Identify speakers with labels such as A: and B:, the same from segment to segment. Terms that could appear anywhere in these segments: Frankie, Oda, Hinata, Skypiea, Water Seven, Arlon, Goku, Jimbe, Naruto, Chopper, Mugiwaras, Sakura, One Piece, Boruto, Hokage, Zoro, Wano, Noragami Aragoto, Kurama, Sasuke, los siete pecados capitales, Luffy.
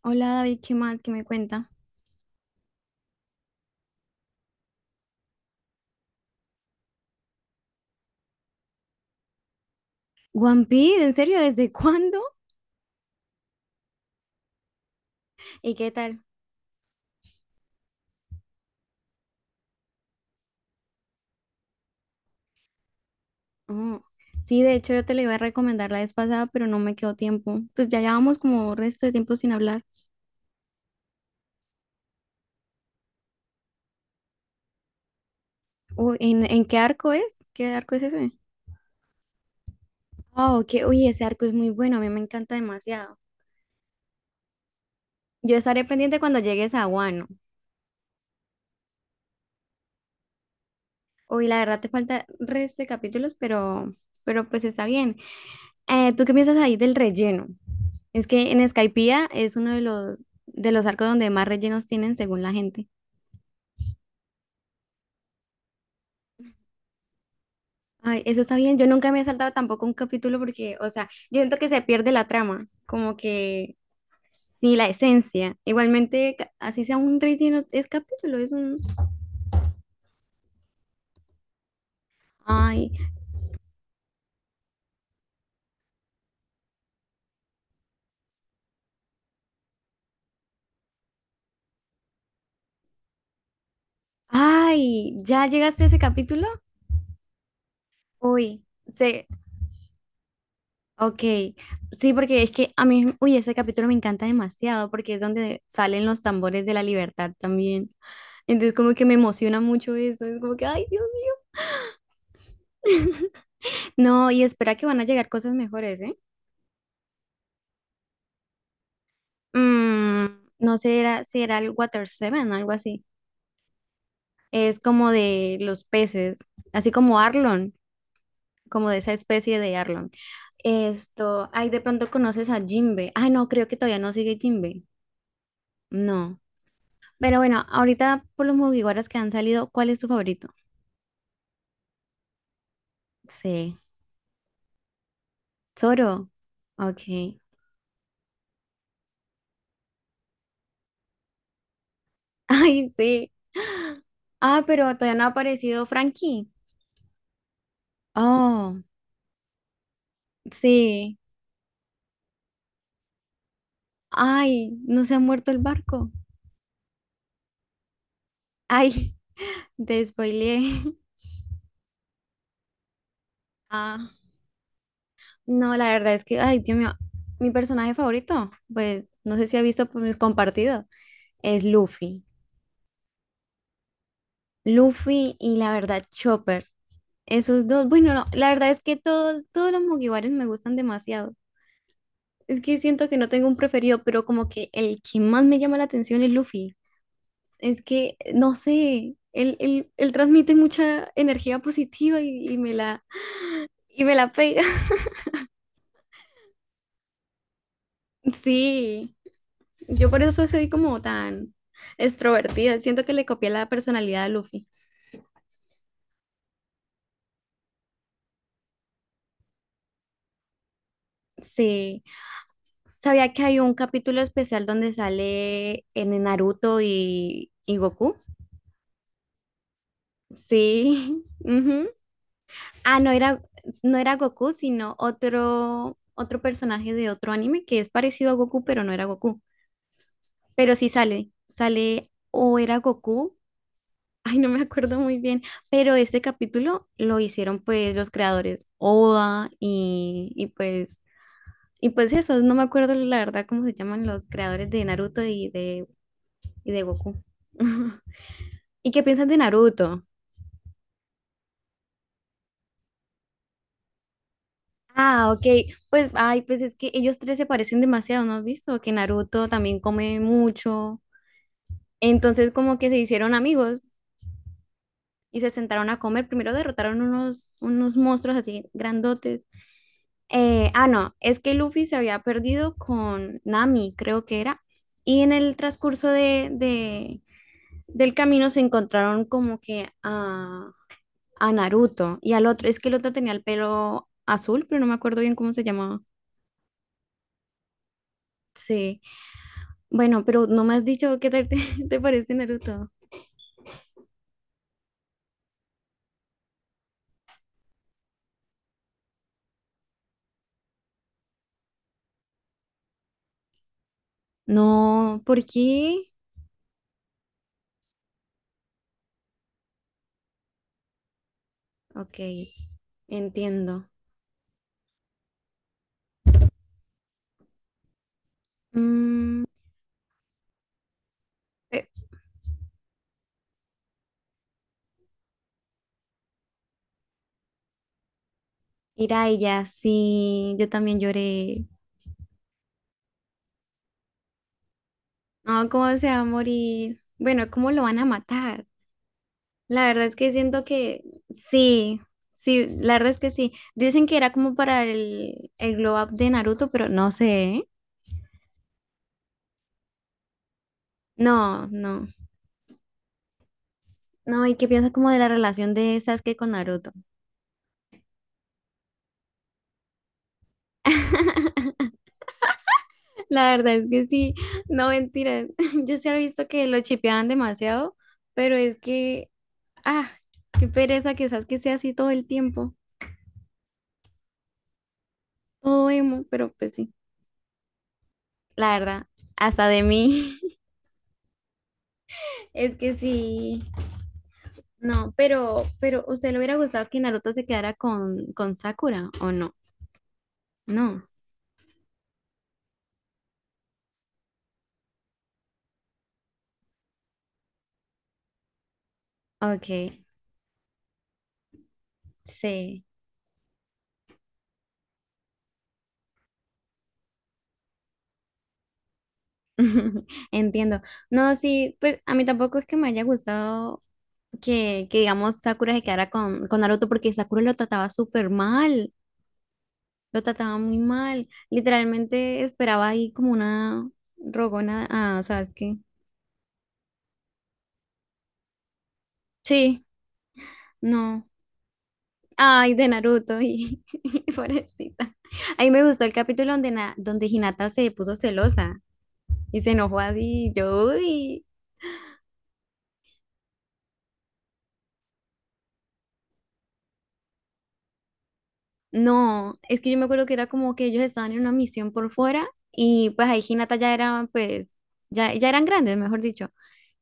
A: Hola David, ¿qué más? ¿Qué me cuenta? One Piece, ¿en serio? ¿Desde cuándo? ¿Y qué tal? Oh, sí, de hecho yo te lo iba a recomendar la vez pasada, pero no me quedó tiempo. Pues ya llevamos como resto de tiempo sin hablar. Uy, ¿en qué arco es? ¿Qué arco es ese? Oh, que, uy, ese arco es muy bueno, a mí me encanta demasiado. Yo estaré pendiente cuando llegues a Wano. Uy, la verdad te falta resto de capítulos, pero pues está bien. ¿Tú qué piensas ahí del relleno? Es que en Skypiea es uno de los arcos donde más rellenos tienen según la gente. Ay, eso está bien. Yo nunca me he saltado tampoco un capítulo porque, o sea, yo siento que se pierde la trama, como que sí, la esencia. Igualmente, así sea un relleno, es capítulo, Ay, ay, ¿ya llegaste a ese capítulo? Uy, se, Ok, sí, porque es que a mí, uy, ese capítulo me encanta demasiado porque es donde salen los tambores de la libertad también. Entonces como que me emociona mucho eso, es como que, ay, Dios mío. No, y espera que van a llegar cosas mejores, ¿eh? Mm, no sé, si era el Water Seven, algo así. Es como de los peces, así como Arlon, como de esa especie de Arlon. Ay, de pronto conoces a Jimbe. Ay, no, creo que todavía no sigue Jimbe. No. Pero bueno, ahorita por los Mugiwaras que han salido, ¿cuál es tu favorito? Sí. Zoro. Ok. Ay, sí. Ah, pero todavía no ha aparecido Frankie. Oh, sí. Ay, no se ha muerto el barco. Ay, te spoileé. Ah, no, la verdad es que, ay, Dios mío, mi personaje favorito, pues no sé si ha visto por mis compartidos, es Luffy. Luffy y la verdad, Chopper. Esos dos, bueno, no, la verdad es que todos, todos los mugiwaras me gustan demasiado. Es que siento que no tengo un preferido, pero como que el que más me llama la atención es Luffy. Es que, no sé, él transmite mucha energía positiva y me y me la pega. Sí, yo por eso soy como tan extrovertida. Siento que le copié la personalidad a Luffy. Sí, sabía que hay un capítulo especial donde sale en Naruto y Goku. Sí. ujú. Ah, no era, no era Goku, sino otro, otro personaje de otro anime que es parecido a Goku, pero no era Goku. Pero sí sale, sale o era Goku. Ay, no me acuerdo muy bien, pero este capítulo lo hicieron pues los creadores Oda y pues eso, no me acuerdo la verdad cómo se llaman los creadores de Naruto y de Goku. ¿Y qué piensas de Naruto? Ah, ok. Pues, ay, pues es que ellos tres se parecen demasiado, ¿no has visto? Que Naruto también come mucho. Entonces, como que se hicieron amigos y se sentaron a comer. Primero derrotaron unos, unos monstruos así grandotes. No, es que Luffy se había perdido con Nami, creo que era. Y en el transcurso del camino se encontraron como que a Naruto y al otro. Es que el otro tenía el pelo azul, pero no me acuerdo bien cómo se llamaba. Sí. Bueno, pero no me has dicho qué tal te, te parece Naruto. No, ¿por qué? Ok, entiendo. Mm, eh, Jiraiya, sí, yo también lloré. No, ¿cómo se va a morir? Bueno, ¿cómo lo van a matar? La verdad es que siento que sí, sí, la verdad es que sí. Dicen que era como para el glow up de Naruto, pero no sé. ¿Eh? No, no. No, ¿y qué piensas como de la relación de Sasuke con Naruto? La verdad es que sí, no mentiras. Yo se ha visto que lo chipeaban demasiado, pero es que, ah, qué pereza quizás que sea así todo el tiempo, todo emo, pero pues sí, la verdad, hasta de mí, es que sí. No, pero ¿usted le hubiera gustado que Naruto se quedara con Sakura o no? No, ok, sí. Entiendo. No, sí, pues a mí tampoco es que me haya gustado que digamos Sakura se quedara con Naruto porque Sakura lo trataba súper mal, lo trataba muy mal. Literalmente esperaba ahí como una rogona ah sabes qué Sí, no. Ay, de Naruto y pobrecita. Ahí me gustó el capítulo donde, donde Hinata se puso celosa y se enojó así. Yo, uy. No, es que yo me acuerdo que era como que ellos estaban en una misión por fuera y pues ahí Hinata ya era, pues, ya eran grandes, mejor dicho.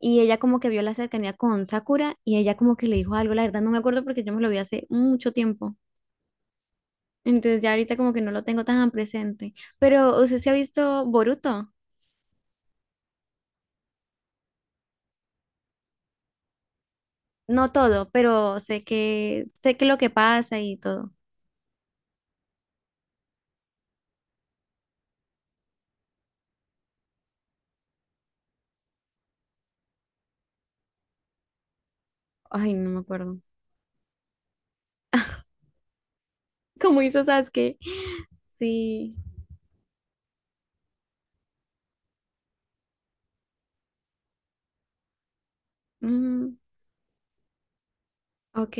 A: Y ella como que vio la cercanía con Sakura y ella como que le dijo algo, la verdad no me acuerdo porque yo me lo vi hace mucho tiempo. Entonces ya ahorita como que no lo tengo tan presente. Pero usted se ha visto Boruto, no todo, pero sé que lo que pasa y todo. Ay, no me acuerdo. Como hizo Sasuke. Sí. Mm, ok.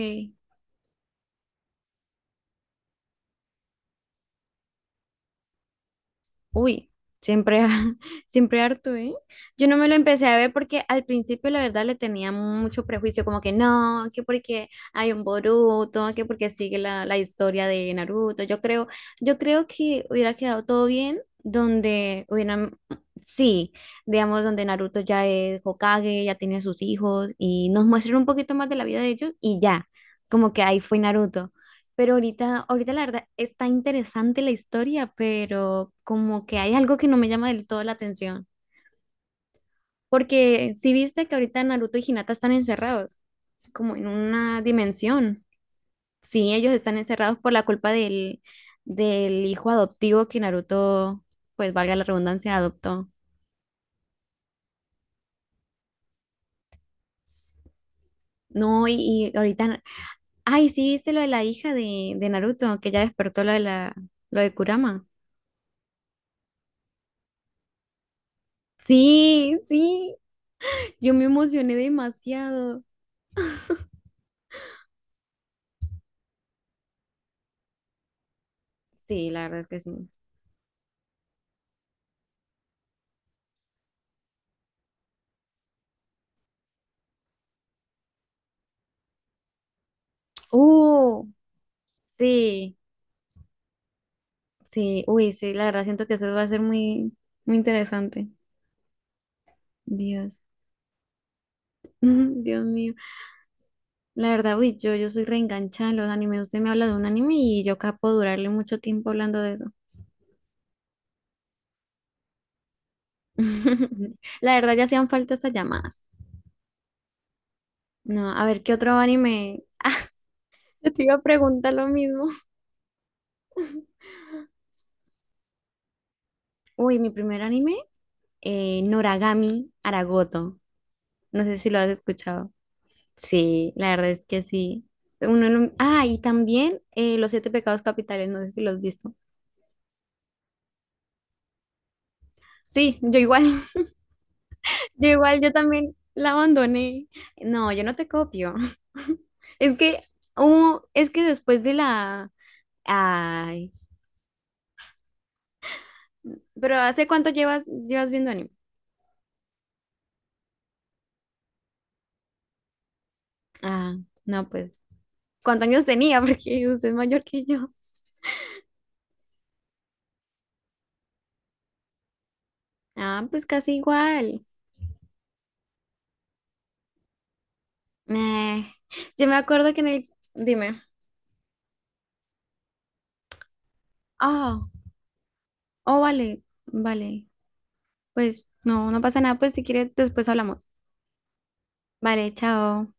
A: Uy, siempre, siempre harto, ¿eh? Yo no me lo empecé a ver porque al principio la verdad le tenía mucho prejuicio, como que no, que porque hay un Boruto, que porque sigue la historia de Naruto. Yo creo que hubiera quedado todo bien donde hubieran, sí, digamos, donde Naruto ya es Hokage, ya tiene sus hijos y nos muestran un poquito más de la vida de ellos y ya, como que ahí fue Naruto. Pero ahorita, ahorita la verdad está interesante la historia, pero como que hay algo que no me llama del todo la atención. Porque si viste que ahorita Naruto y Hinata están encerrados, como en una dimensión. Sí, ellos están encerrados por la culpa del hijo adoptivo que Naruto, pues valga la redundancia, adoptó. No, y ahorita, ay, sí, viste lo de la hija de Naruto, que ya despertó lo de lo de Kurama. Sí, sí, yo me emocioné demasiado. Sí, la verdad es que sí. Uh, sí, sí, uy, sí, la verdad siento que eso va a ser muy, muy interesante. Dios, Dios mío. La verdad, uy, yo soy reenganchada en los animes. Usted me habla de un anime y yo capo durarle mucho tiempo hablando de eso. La verdad, ya hacían falta esas llamadas. No, a ver, ¿qué otro anime? Yo te iba a preguntar lo mismo. Uy, mi primer anime, Noragami Aragoto. No sé si lo has escuchado. Sí, la verdad es que sí. Uno no- Ah, y también los siete pecados capitales, no sé si los has visto. Sí, yo igual, yo igual, yo también la abandoné. No, yo no te copio. Es que, es que después de Ay, pero ¿hace cuánto llevas viendo anime? Ah, no, pues, ¿cuántos años tenía? Porque usted es mayor que yo. Ah, pues casi igual. Eh, yo me acuerdo que en Dime. Ah, oh, vale, vale. Pues no, no pasa nada, pues si quieres después hablamos. Vale, chao.